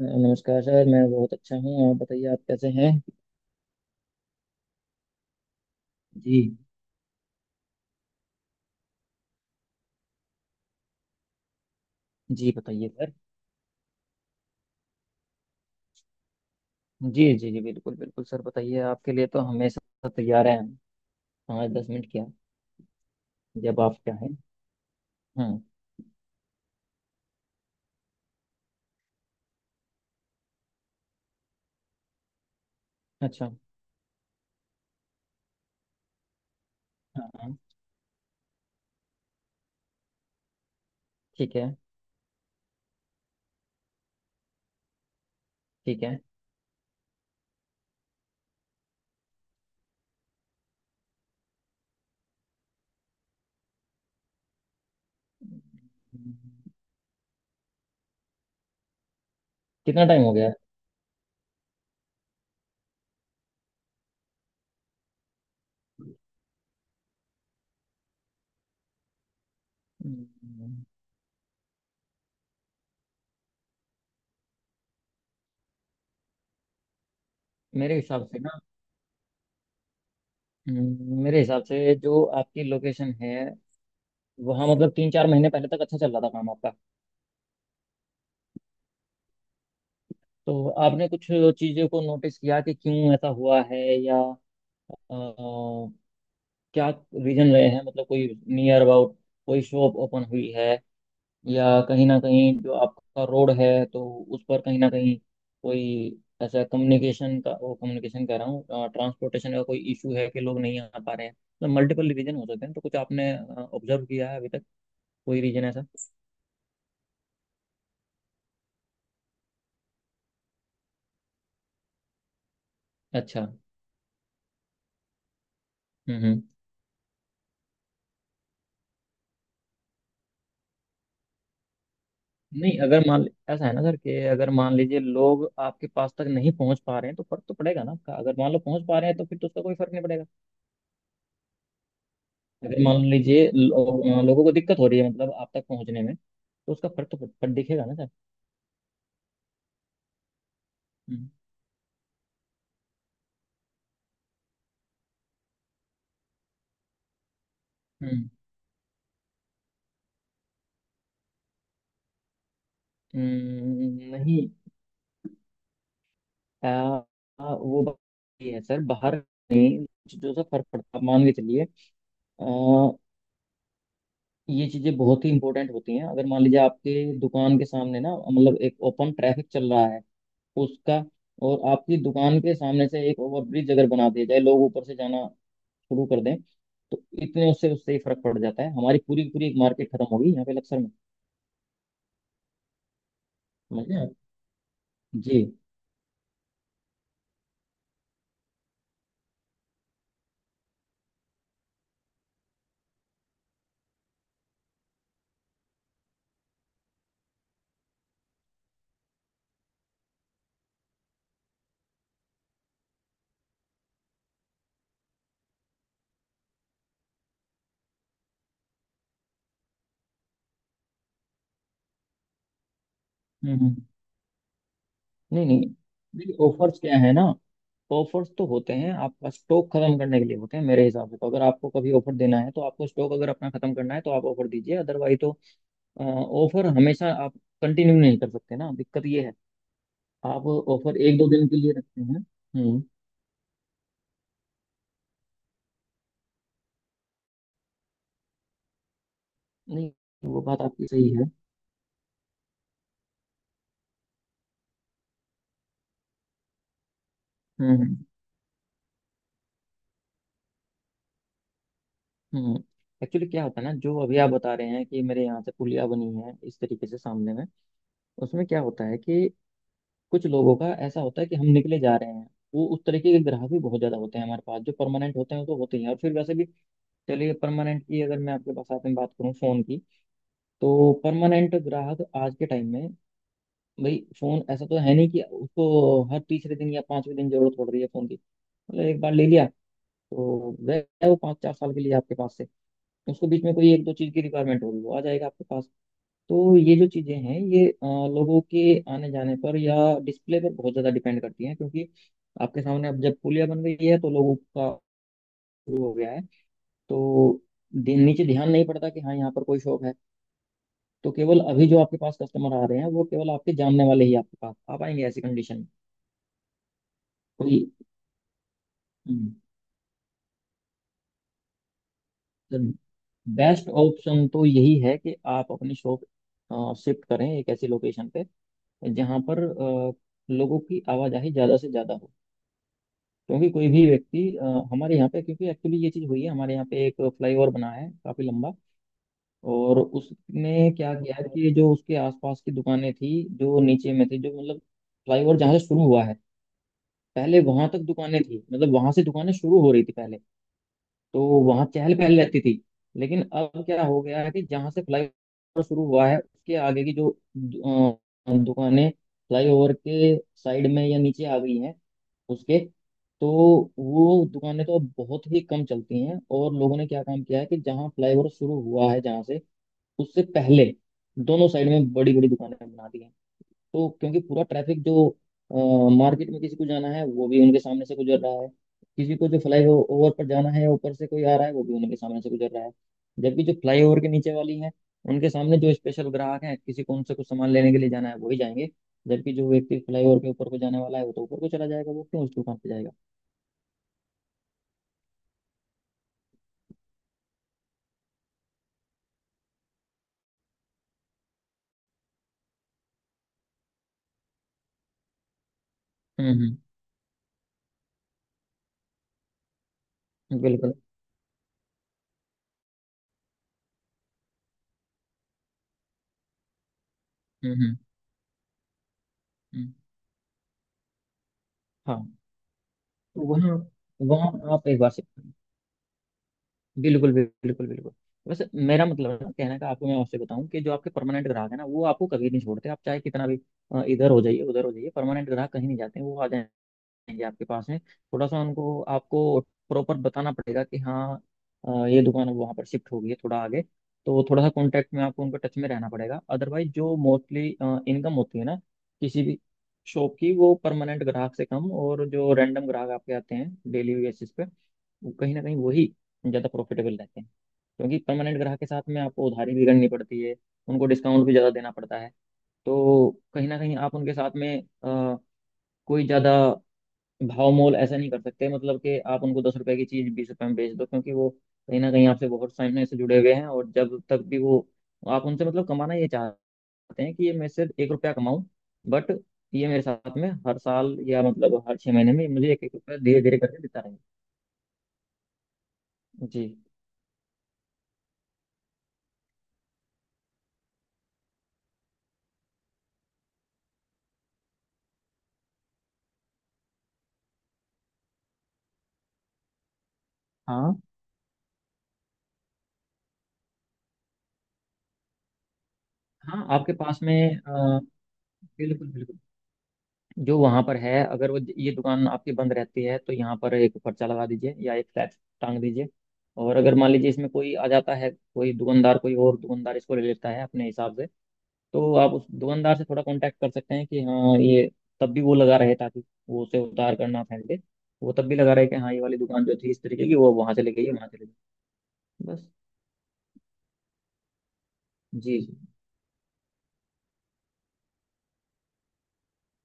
नमस्कार सर, मैं बहुत अच्छा हूँ। आप बताइए, आप कैसे हैं। जी, जी बताइए सर। जी जी जी बिल्कुल बिल्कुल सर, बताइए। आपके लिए तो हमेशा तैयार हैं हम। 5 10 मिनट क्या, जब आप चाहें। हम्म। अच्छा। हाँ हाँ। ठीक है। ठीक है। कितना टाइम हो गया। हम्म, मेरे हिसाब से ना, मेरे हिसाब से जो आपकी लोकेशन है वहाँ, मतलब 3 4 महीने पहले तक अच्छा चल रहा था काम आपका। तो आपने कुछ चीज़ों को नोटिस किया कि क्यों ऐसा हुआ है, या अ, क्या रीजन रहे हैं। मतलब कोई नियर अबाउट कोई शॉप ओपन हुई है, या कहीं ना कहीं जो आपका रोड है तो उस पर कहीं ना कहीं कोई ऐसा कम्युनिकेशन का, वो कम्युनिकेशन कह रहा हूँ ट्रांसपोर्टेशन का, कोई इशू है कि लोग नहीं आ पा रहे हैं। मतलब मल्टीपल रीजन हो सकते हैं। तो कुछ आपने ऑब्जर्व किया है अभी तक कोई रीजन ऐसा। अच्छा। हम्म। नहीं, अगर मान ऐसा है ना सर कि अगर मान लीजिए लोग आपके पास तक नहीं पहुंच पा रहे हैं तो फर्क तो पड़ेगा ना आपका। अगर मान लो पहुंच पा रहे हैं तो फिर तो उसका कोई फर्क नहीं पड़ेगा। अगर मान लीजिए लोगों को दिक्कत हो रही है मतलब आप तक पहुंचने में, तो उसका फर्क तो फट दिखेगा ना सर। हम्म। हम्म। हम्म। नहीं। आ, आ, वो बात ये है सर। बाहर नहीं चीजों से फर्क पड़ता है, मान के चलिए। आ, ये चीजें बहुत ही इंपॉर्टेंट होती हैं। अगर मान लीजिए आपके दुकान के सामने ना, मतलब एक ओपन ट्रैफिक चल रहा है उसका, और आपकी दुकान के सामने से एक ओवरब्रिज अगर बना दिया जाए, लोग ऊपर से जाना शुरू कर दें, तो इतने उससे उससे ही फर्क पड़ जाता है। हमारी पूरी की पूरी एक मार्केट खत्म होगी यहाँ पे लक्सर में। समझे आप। जी। हम्म हम्म। नहीं नहीं, देखिए ऑफर्स क्या है ना, ऑफर्स तो होते हैं आपका स्टॉक खत्म करने के लिए होते हैं। मेरे हिसाब से तो अगर आपको कभी ऑफर देना है, तो आपको स्टॉक अगर अपना खत्म करना है तो आप ऑफर दीजिए, अदरवाइज तो ऑफर हमेशा आप कंटिन्यू नहीं कर सकते ना। दिक्कत ये है आप ऑफर 1 2 दिन के लिए रखते हैं। हम्म। नहीं, वो बात आपकी सही है। हम्म हम्म। हम्म। एक्चुअली क्या होता है ना, जो अभी आप बता रहे हैं कि मेरे यहाँ से पुलिया बनी है इस तरीके से सामने में, उसमें क्या होता है कि कुछ लोगों का ऐसा होता है कि हम निकले जा रहे हैं। वो उस तरीके के ग्राहक भी बहुत ज्यादा होते हैं हमारे पास। जो परमानेंट होते हैं वो तो होते ही हैं, और फिर वैसे भी चलिए, परमानेंट की अगर मैं आपके पास आते में बात करूँ फोन की, तो परमानेंट ग्राहक आज के टाइम में, भाई फोन ऐसा तो है नहीं कि उसको हर तीसरे दिन या पांचवें दिन जरूरत पड़ रही है फोन की। मतलब एक बार ले लिया तो गए वो 5 4 साल के लिए आपके पास। उसको बीच में कोई एक दो चीज की रिक्वायरमेंट होगी वो आ जाएगा आपके पास। तो ये जो चीजें हैं ये लोगों के आने जाने पर या डिस्प्ले पर बहुत ज्यादा डिपेंड करती हैं, क्योंकि आपके सामने अब जब पुलिया बन गई है तो लोगों का शुरू हो गया है, तो नीचे ध्यान नहीं पड़ता कि हाँ यहाँ पर कोई शॉप है। तो केवल अभी जो आपके पास कस्टमर आ रहे हैं वो केवल आपके जानने वाले ही आपके पास आ पाएंगे ऐसी कंडीशन में। कोई बेस्ट ऑप्शन तो best option तो यही है कि आप अपनी शॉप शिफ्ट करें एक ऐसी लोकेशन पे जहाँ पर लोगों की आवाजाही ज़्यादा से ज़्यादा हो। क्योंकि कोई भी व्यक्ति हमारे यहाँ पे, क्योंकि एक्चुअली ये चीज़ हुई है हमारे यहाँ पे एक फ्लाईओवर बना है काफ़ी लंबा, और उसने क्या किया है कि जो उसके आसपास की दुकानें थी जो नीचे में थी, जो मतलब फ्लाईओवर जहाँ से शुरू हुआ है, पहले वहां तक दुकानें थी मतलब वहां से दुकानें शुरू हो रही थी पहले, तो वहां चहल पहल रहती थी। लेकिन अब क्या हो गया है कि जहां से फ्लाईओवर शुरू हुआ है उसके आगे की जो दु- दुकानें फ्लाईओवर के साइड में या नीचे आ गई हैं उसके, तो वो दुकानें तो अब बहुत ही कम चलती हैं। और लोगों ने क्या काम किया है कि जहाँ फ्लाईओवर शुरू हुआ है जहाँ से, उससे पहले दोनों साइड में बड़ी बड़ी दुकानें बना दी हैं। तो क्योंकि पूरा ट्रैफिक जो मार्केट में किसी को जाना है वो भी उनके सामने से गुजर रहा है, किसी को जो फ्लाई ओवर पर जाना है ऊपर से कोई आ रहा है वो भी उनके सामने से गुजर रहा है, जबकि जो फ्लाई ओवर के नीचे वाली है उनके सामने जो स्पेशल ग्राहक है किसी को उनसे कुछ सामान लेने के लिए जाना है वही जाएंगे, जबकि जो व्यक्ति फ्लाई ओवर के ऊपर को जाने वाला है वो तो ऊपर को चला जाएगा। वो क्यों उस दुकान पे जाएगा। हम्म। बिल्कुल। हम्म। हम्म। हम्म। हाँ, तो वहाँ वहाँ आप एक बार से, बिल्कुल बिल्कुल बिल्कुल। बस मेरा मतलब है ना कहने का, आपको मैं आपसे बताऊं कि जो आपके परमानेंट ग्राहक है ना वो आपको कभी नहीं छोड़ते। आप चाहे कितना भी इधर हो जाइए उधर हो जाइए, परमानेंट ग्राहक कहीं नहीं जाते हैं, वो आ जाएंगे आपके पास में। थोड़ा सा उनको आपको प्रॉपर बताना पड़ेगा कि हाँ ये दुकान अब वहाँ पर शिफ्ट हो गई है थोड़ा आगे। तो थोड़ा सा कॉन्टेक्ट में आपको उनका टच में रहना पड़ेगा, अदरवाइज जो मोस्टली इनकम होती है ना किसी भी शॉप की वो परमानेंट ग्राहक से कम, और जो रैंडम ग्राहक आपके आते हैं डेली बेसिस पे, वो कहीं ना कहीं वही ज़्यादा प्रॉफिटेबल रहते हैं। क्योंकि परमानेंट ग्राहक के साथ में आपको उधारी भी करनी पड़ती है, उनको डिस्काउंट भी ज़्यादा देना पड़ता है। तो कहीं ना कहीं आप उनके साथ में कोई ज़्यादा भाव मोल ऐसा नहीं कर सकते, मतलब कि आप उनको 10 रुपए की चीज़ 20 रुपए में बेच दो, क्योंकि वो कहीं ना कहीं आपसे बहुत समय से जुड़े हुए हैं। और जब तक भी वो, आप उनसे मतलब कमाना ये चाहते हैं कि ये मैं सिर्फ 1 रुपया कमाऊं, बट ये मेरे साथ में हर साल या मतलब हर 6 महीने में मुझे एक एक रुपया धीरे धीरे करके देता रहे। जी। हाँ हाँ, आपके पास में बिल्कुल बिल्कुल। जो वहाँ पर है, अगर वो ये दुकान आपकी बंद रहती है तो यहाँ पर एक पर्चा लगा दीजिए या एक फ्लैग टांग दीजिए। और अगर मान लीजिए इसमें कोई आ जाता है कोई दुकानदार, कोई और दुकानदार इसको ले लेता है अपने हिसाब से, तो आप उस दुकानदार से थोड़ा कांटेक्ट कर सकते हैं कि हाँ ये तब भी वो लगा रहे, ताकि वो उसे उतार कर ना फेंक दे। वो तब भी लगा रहे कि हाँ ये वाली दुकान जो थी इस तरीके की वो वहाँ से ले गई है, वहाँ से ले गई। बस। जी जी।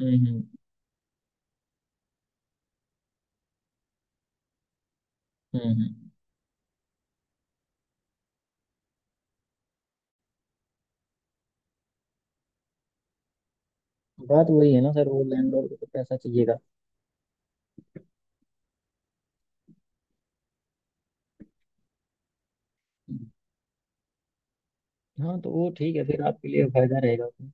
हम्म। हम्म हम्म। बात वही है ना सर, वो लैंडलॉर्ड को तो पैसा चाहिएगा। हाँ, तो वो ठीक है फिर आपके लिए फायदा रहेगा उसमें।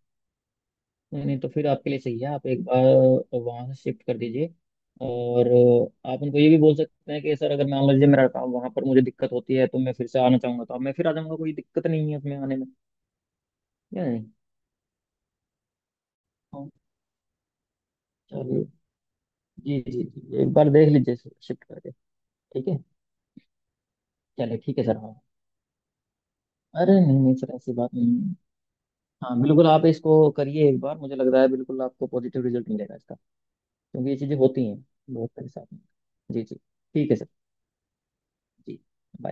नहीं नहीं, तो फिर आपके लिए सही है, आप एक बार वहाँ से शिफ्ट कर दीजिए। और आप उनको ये भी बोल सकते हैं कि सर अगर मान लीजिए मेरा काम वहाँ पर मुझे दिक्कत होती है तो मैं फिर से आना चाहूंगा, तो अब मैं फिर आ जाऊंगा, कोई दिक्कत नहीं है उसमें आने में, या नहीं। हाँ, चलिए। जी जी जी, एक बार देख लीजिए शिफ्ट करके। ठीक है। चलिए, ठीक है सर। हाँ, अरे नहीं नहीं सर, ऐसी बात नहीं है। हाँ बिल्कुल, आप इसको करिए एक बार, मुझे लग रहा है बिल्कुल आपको पॉजिटिव रिजल्ट मिलेगा इसका। क्योंकि ये चीज़ें होती हैं बहुत सारे साथ में। जी जी। ठीक है सर। जी। बाय।